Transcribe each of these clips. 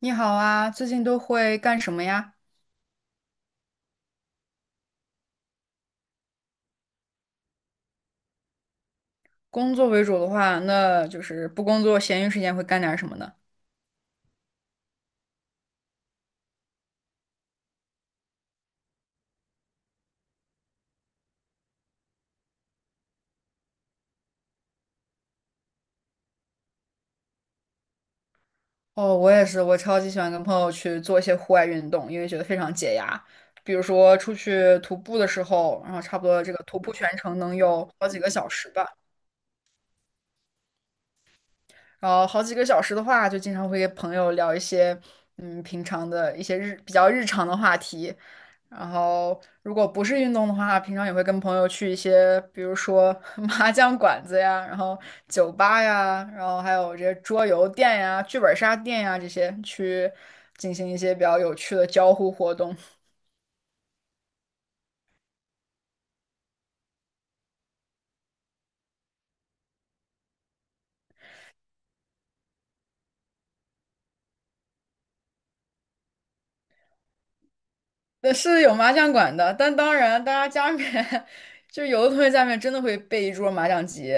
你好啊，最近都会干什么呀？工作为主的话，那就是不工作，闲余时间会干点什么呢？哦，我也是，我超级喜欢跟朋友去做一些户外运动，因为觉得非常解压。比如说出去徒步的时候，然后差不多这个徒步全程能有好几个小时吧。然后好几个小时的话，就经常会跟朋友聊一些平常的一些比较日常的话题。然后如果不是运动的话，平常也会跟朋友去一些，比如说 麻将馆子呀，然后酒吧呀，然后还有这些桌游店呀、剧本杀店呀这些，去进行一些比较有趣的交互活动。是有麻将馆的，但当然，大家家里面 就有的同学家里面真的会备一桌麻将机，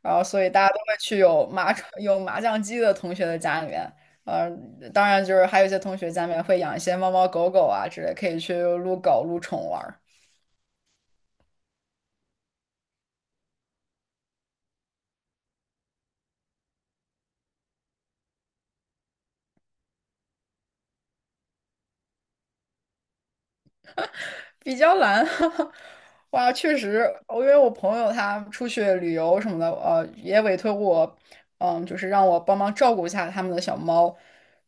然后所以大家都会去有麻将机的同学的家里面。呃，当然就是还有一些同学家里面会养一些猫猫狗狗啊之类，可以去撸狗撸宠玩比较难，哇，确实，因为我朋友他出去旅游什么的，也委托我，嗯，就是让我帮忙照顾一下他们的小猫。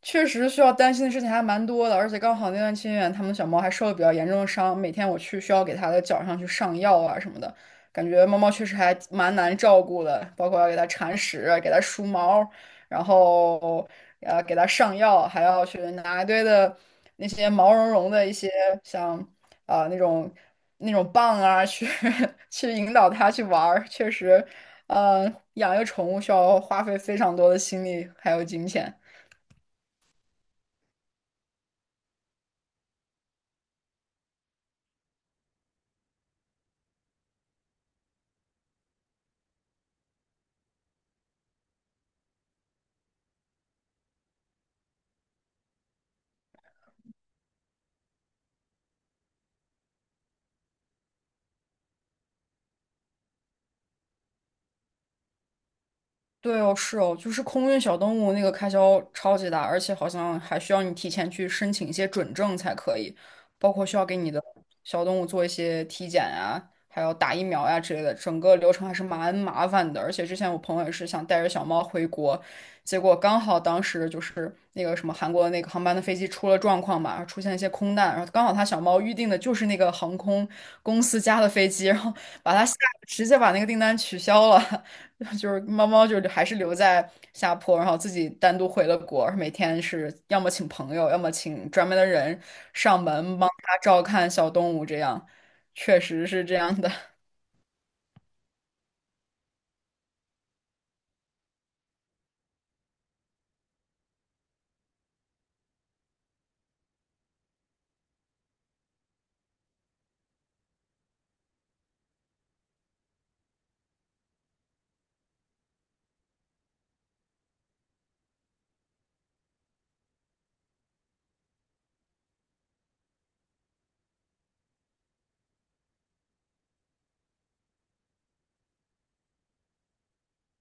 确实需要担心的事情还蛮多的，而且刚好那段期间，他们的小猫还受了比较严重的伤，每天我去需要给它的脚上去上药啊什么的，感觉猫猫确实还蛮难照顾的，包括要给它铲屎啊、给它梳毛，然后给它上药，还要去拿一堆的那些毛茸茸的一些像啊、呃那种那种棒啊，去引导它去玩儿，确实，养一个宠物需要花费非常多的心力还有金钱。对哦，是哦，就是空运小动物那个开销超级大，而且好像还需要你提前去申请一些准证才可以，包括需要给你的小动物做一些体检啊，还有打疫苗呀、之类的，整个流程还是蛮麻烦的。而且之前我朋友也是想带着小猫回国，结果刚好当时就是那个什么韩国那个航班的飞机出了状况嘛，出现一些空难，然后刚好他小猫预定的就是那个航空公司家的飞机，然后把他吓，直接把那个订单取消了。猫猫还是留在下坡，然后自己单独回了国，每天是要么请朋友，要么请专门的人上门帮它照看小动物，这样确实是这样的。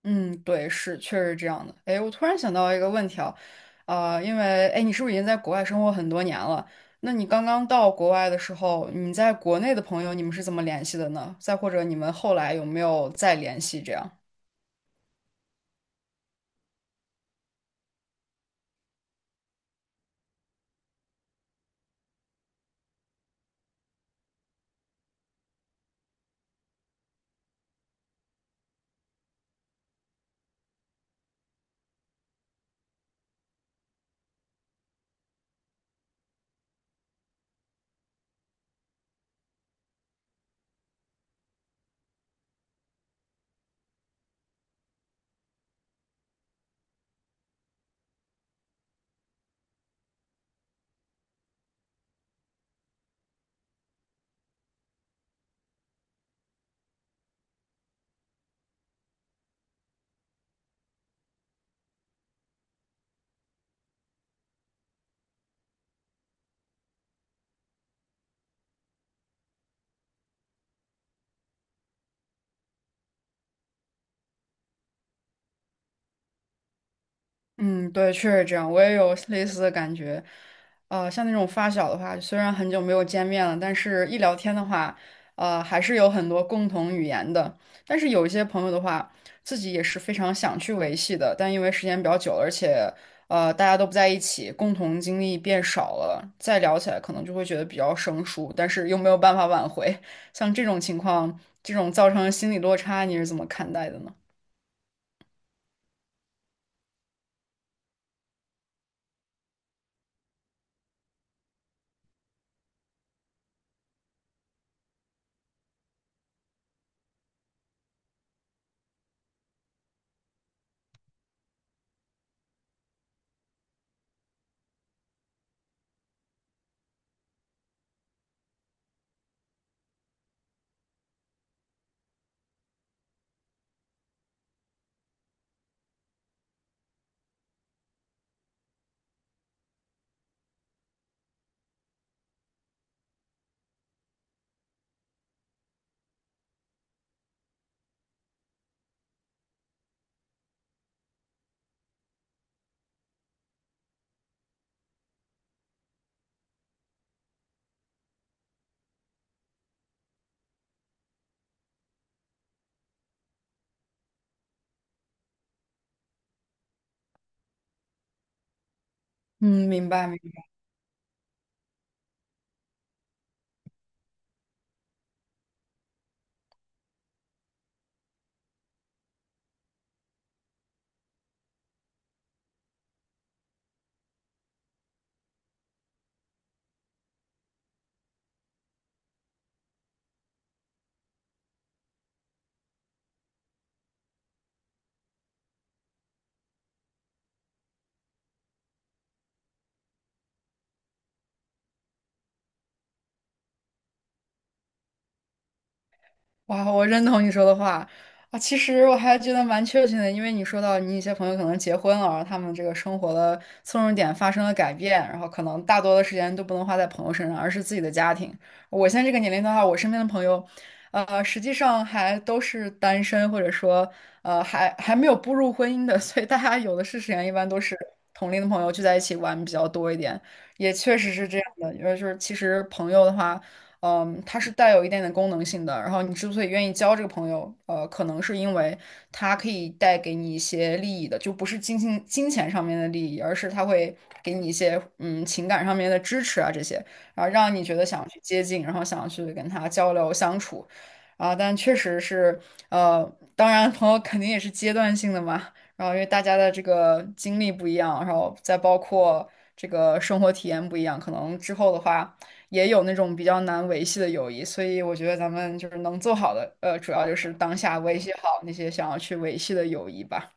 嗯，对，是确实是这样的。哎，我突然想到一个问题啊，因为哎，你是不是已经在国外生活很多年了？那你刚刚到国外的时候，你在国内的朋友，你们是怎么联系的呢？再或者你们后来有没有再联系这样？嗯，对，确实这样，我也有类似的感觉。像那种发小的话，虽然很久没有见面了，但是一聊天的话，还是有很多共同语言的。但是有一些朋友的话，自己也是非常想去维系的，但因为时间比较久了，而且大家都不在一起，共同经历变少了，再聊起来可能就会觉得比较生疏，但是又没有办法挽回。像这种情况，这种造成的心理落差，你是怎么看待的呢？嗯，明白。哇，我认同你说的话啊！其实我还觉得蛮确切的，因为你说到你一些朋友可能结婚了，然后他们这个生活的侧重点发生了改变，然后可能大多的时间都不能花在朋友身上，而是自己的家庭。我现在这个年龄的话，我身边的朋友，实际上还都是单身，或者说还没有步入婚姻的，所以大家有的是时间，一般都是同龄的朋友聚在一起玩比较多一点，也确实是这样的，因为就是其实朋友的话。嗯，他是带有一点点功能性的。然后你之所以愿意交这个朋友，可能是因为他可以带给你一些利益的，就不是金钱上面的利益，而是他会给你一些情感上面的支持啊这些，然后让你觉得想去接近，然后想去跟他交流相处。啊，但确实是，呃，当然朋友肯定也是阶段性的嘛，然后因为大家的这个经历不一样，然后再包括这个生活体验不一样，可能之后的话。也有那种比较难维系的友谊，所以我觉得咱们就是能做好的，主要就是当下维系好那些想要去维系的友谊吧。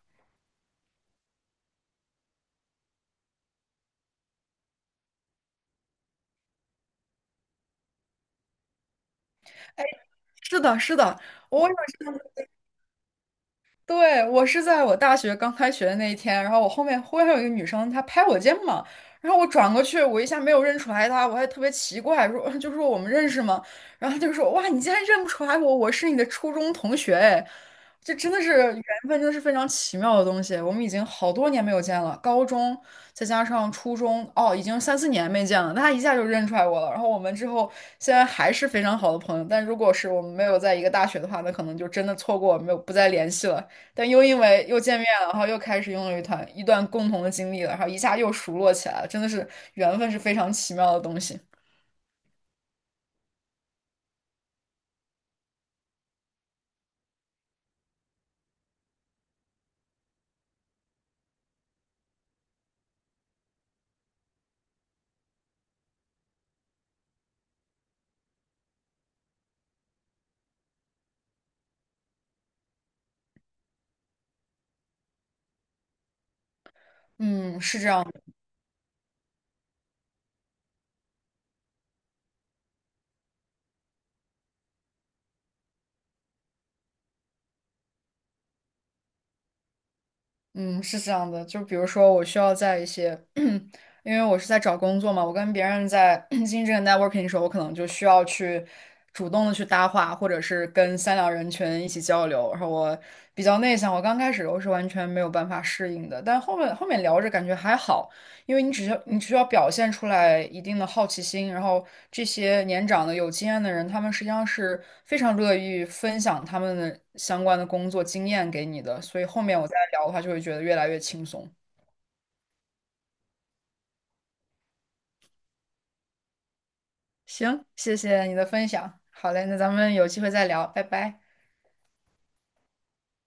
哎，是的，是的，我有对，我是在我大学刚开学的那一天，然后我后面忽然有一个女生，她拍我肩膀，然后我转过去，我一下没有认出来她，我还特别奇怪，说 就说我们认识吗？然后她就说哇，你竟然认不出来我，我是你的初中同学，哎，这真的是缘分，真的是非常奇妙的东西。我们已经好多年没有见了，高中再加上初中，哦，已经三四年没见了，她一下就认出来我了。然后我们之后现在还是非常好的朋友，但如果是我们没有在一个大学的话，那可能就真的错过，没有不再联系了。但又因为又见面了，然后又开始拥有一段共同的经历了，然后一下又熟络起来了，真的是缘分是非常奇妙的东西。嗯，是这样的，嗯，是这样的。就比如说，我需要在一些，因为我是在找工作嘛，我跟别人在 进行这个 networking 的时候，我可能就需要去主动的去搭话，或者是跟三两人群一起交流。然后我比较内向，我刚开始我是完全没有办法适应的，但后面聊着感觉还好。因为你只需要表现出来一定的好奇心，然后这些年长的有经验的人，他们实际上是非常乐于分享他们的相关的工作经验给你的，所以后面我再聊的话，就会觉得越来越轻松。行，谢谢你的分享，好嘞，那咱们有机会再聊，拜拜。